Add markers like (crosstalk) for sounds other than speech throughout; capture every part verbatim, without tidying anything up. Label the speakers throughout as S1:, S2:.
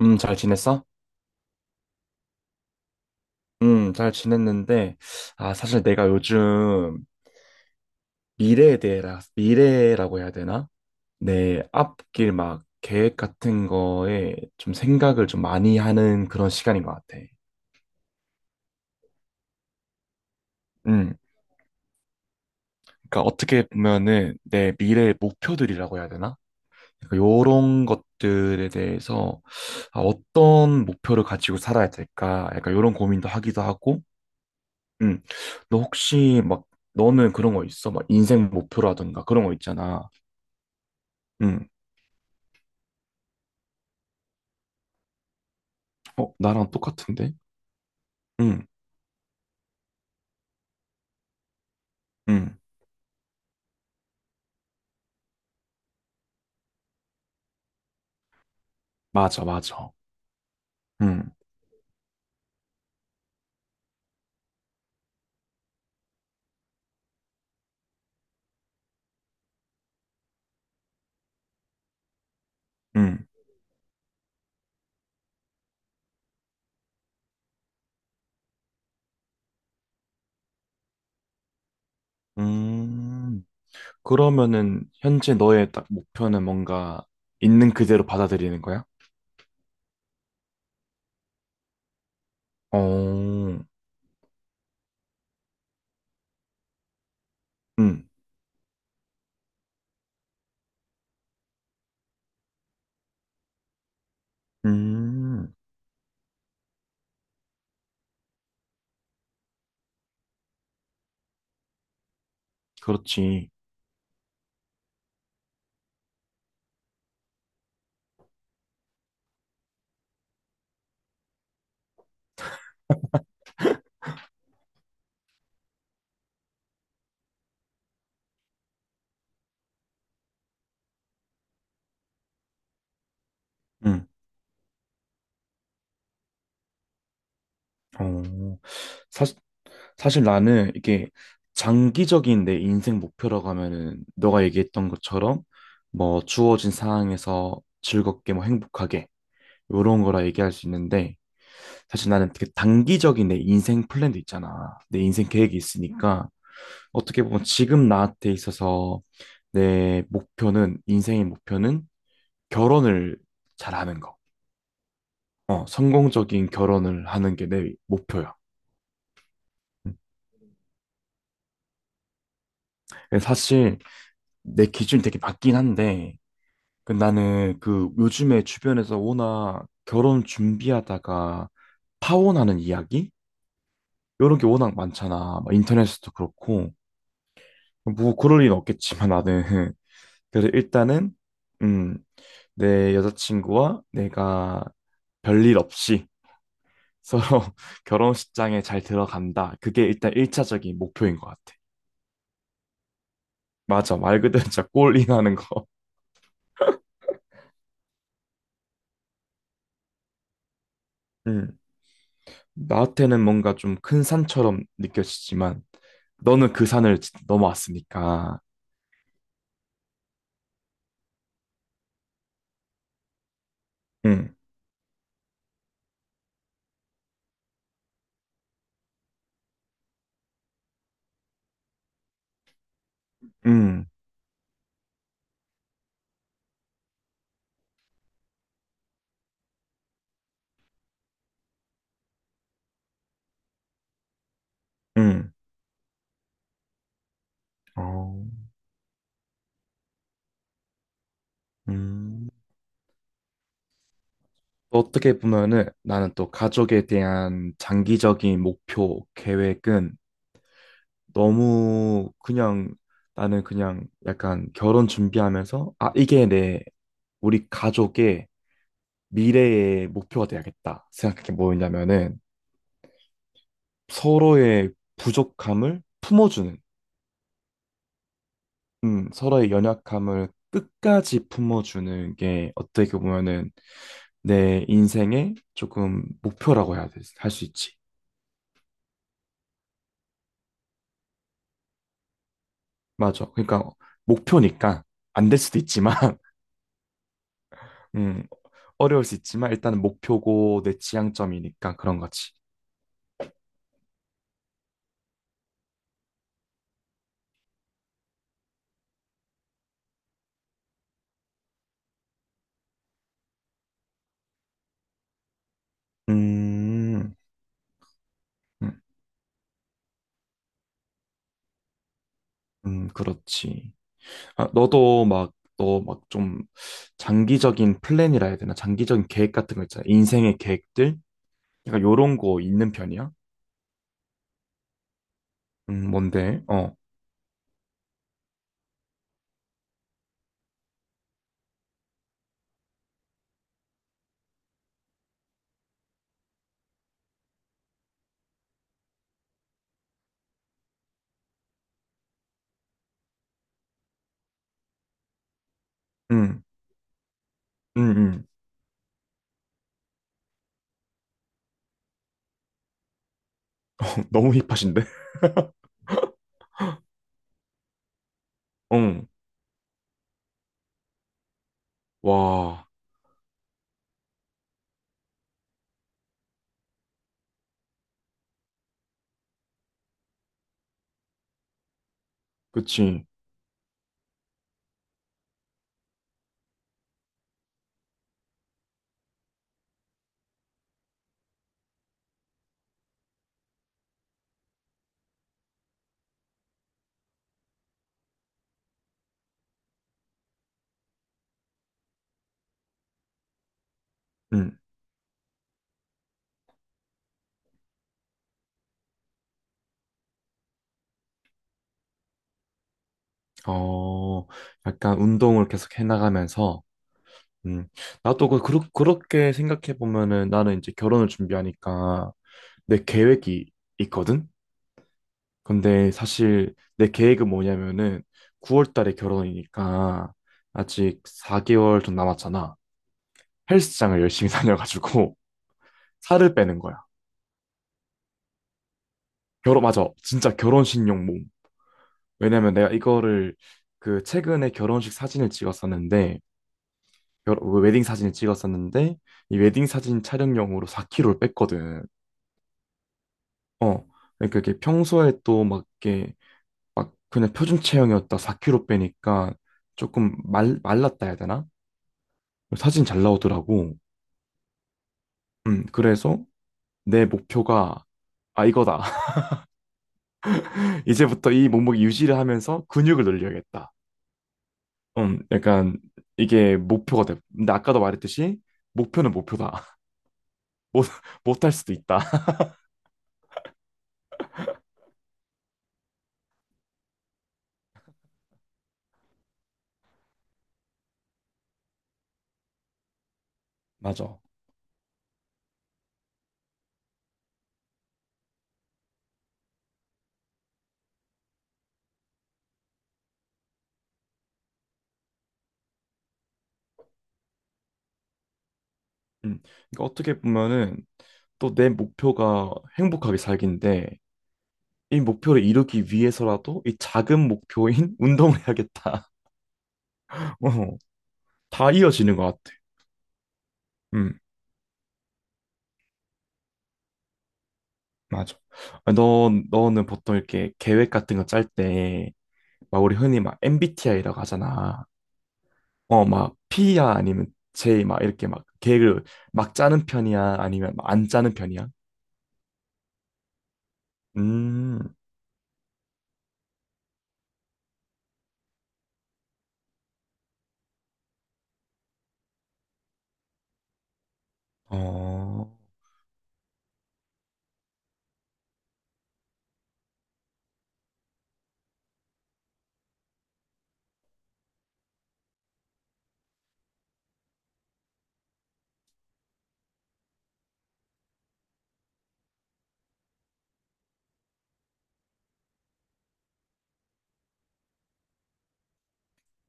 S1: 음, 잘 지냈어? 음, 잘 지냈는데, 아, 사실 내가 요즘 미래에 대해, 미래라고 해야 되나? 내 앞길 막 계획 같은 거에 좀 생각을 좀 많이 하는 그런 시간인 것 같아. 음, 그러니까 어떻게 보면은 내 미래의 목표들이라고 해야 되나? 그러니까 요런 것들에 대해서 아, 어떤 목표를 가지고 살아야 될까? 약간 요런 고민도 하기도 하고, 응. 너 혹시 막 너는 그런 거 있어? 막 인생 목표라든가 그런 거 있잖아. 응. 어, 나랑 똑같은데? 응. 응. 맞아, 맞아. 응. 응. 음. 그러면은 현재 너의 딱 목표는 뭔가 있는 그대로 받아들이는 거야? 어. 응. 음. 그렇지. 응. 어. 사실 사실 나는 이게 장기적인 내 인생 목표라고 하면은 너가 얘기했던 것처럼 뭐 주어진 상황에서 즐겁게 뭐 행복하게 요런 거라 얘기할 수 있는데 사실 나는 그 단기적인 내 인생 플랜도 있잖아. 내 인생 계획이 있으니까 어떻게 보면 지금 나한테 있어서 내 목표는 인생의 목표는 결혼을 잘하는 거. 어, 성공적인 결혼을 하는 게 내 목표야. 음. 사실 내 기준이 되게 낮긴 한데 그 나는 그 요즘에 주변에서 워낙 결혼 준비하다가 파혼하는 이야기? 이런 게 워낙 많잖아. 막 인터넷에서도 그렇고. 뭐 그럴 일은 없겠지만 나는. (laughs) 그래서 일단은, 음, 내 여자친구와 내가 별일 없이 서로 (laughs) 결혼식장에 잘 들어간다. 그게 일단 일차적인 목표인 것 같아. 맞아. 말 그대로 진짜 골인하는 거. (laughs) 음. 나한테는 뭔가 좀 큰 산처럼 느껴지지만 너는 그 산을 지- 넘어왔으니까. 응, 응, 응. 어, 음. 또 어떻게 보면은 나는 또 가족에 대한 장기적인 목표, 계획은 너무 그냥 나는 그냥 약간 결혼 준비하면서 아, 이게 내 우리 가족의 미래의 목표가 돼야겠다 생각한 게 뭐였냐면은 서로의 부족함을 품어주는 음, 서로의 연약함을 끝까지 품어주는 게 어떻게 보면은 내 인생의 조금 목표라고 해야 돼, 할 수 있지. 맞아. 그러니까 목표니까 안 될 수도 있지만, (laughs) 음, 어려울 수 있지만 일단은 목표고 내 지향점이니까 그런 거지. 음, 음, 음, 그렇지. 아, 너도 막, 너 막 좀 장기적인 플랜이라 해야 되나? 장기적인 계획 같은 거 있잖아. 인생의 계획들? 약간 요런 거 있는 편이야? 음, 뭔데? 어. 음. 음, 음. (laughs) 너무 힙하신데? (laughs) 응. 와, 그치. 음. 어, 약간 운동을 계속 해나가면서, 음. 나도 그, 그렇- 그렇게 생각해보면은 나는 이제 결혼을 준비하니까 내 계획이 있거든? 근데 사실 내 계획은 뭐냐면은 구월 달에 결혼이니까 아직 사 개월 좀 남았잖아. 헬스장을 열심히 (laughs) 다녀가지고 살을 빼는 거야. 결혼, 맞아. 진짜 결혼식 용몸. 왜냐면 내가 이거를 그 최근에 결혼식 사진을 찍었었는데 결, 그 웨딩 사진을 찍었었는데 이 웨딩 사진 촬영용으로 사 킬로그램을 뺐거든. 어. 그러니까 이게 평소에 또 막 이게 막 그냥 표준 체형이었다 사 킬로그램 빼니까 조금 말 말랐다 해야 되나? 사진 잘 나오더라고. 음. 그래서 내 목표가 아 이거다. (laughs) 이제부터 이 몸무게 유지를 하면서 근육을 늘려야겠다. 음. 약간 이게 목표가 돼. 근데 아까도 말했듯이 목표는 목표다. 못, (laughs) 못할 수도 있다. (laughs) 맞아. 음. 그러니까 어떻게 보면은 또 내 목표가 행복하게 살기인데 이 목표를 이루기 위해서라도 이 작은 목표인 (laughs) 운동을 해야겠다. (laughs) 어, 다 이어지는 것 같아. 음, 맞아. 아, 너, 너는 보통 이렇게 계획 같은 거 짤 때, 막 우리 흔히 막 엠비티아이라고 하잖아. 어, 막 P야 아니면 J 막 이렇게 막 계획을 막 짜는 편이야? 아니면 막 안 짜는 편이야? 음, 어.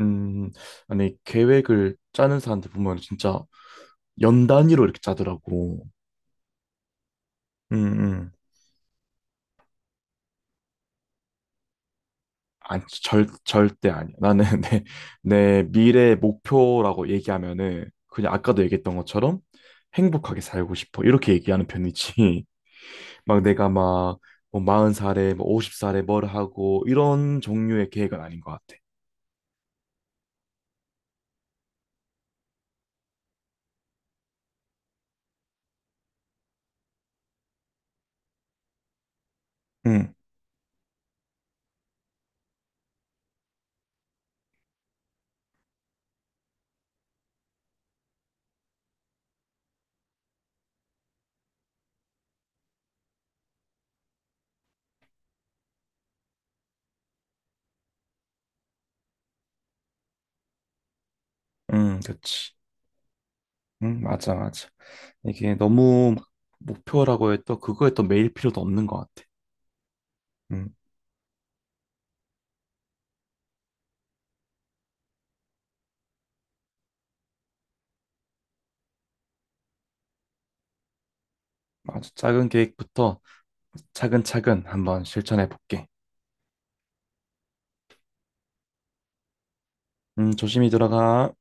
S1: 음, 아니, 계획을 짜는 사람들 보면 진짜 연 단위로 이렇게 짜더라고. 음, 음. 아니, 절, 절대 아니야. 나는 (laughs) 내, 내 미래 목표라고 얘기하면은 그냥 아까도 얘기했던 것처럼 행복하게 살고 싶어. 이렇게 얘기하는 편이지. (laughs) 막 내가 막 뭐 마흔 살에 뭐 쉰 살에 뭘 하고 이런 종류의 계획은 아닌 것 같아. 음, 음, 그치. 응, 맞아, 맞아. 이게 너무 막 목표라고 해도 그거에 또 매일 필요도 없는 것 같아. 아주 작은 계획부터 차근차근 한번 실천해 볼게. 음, 조심히 들어가.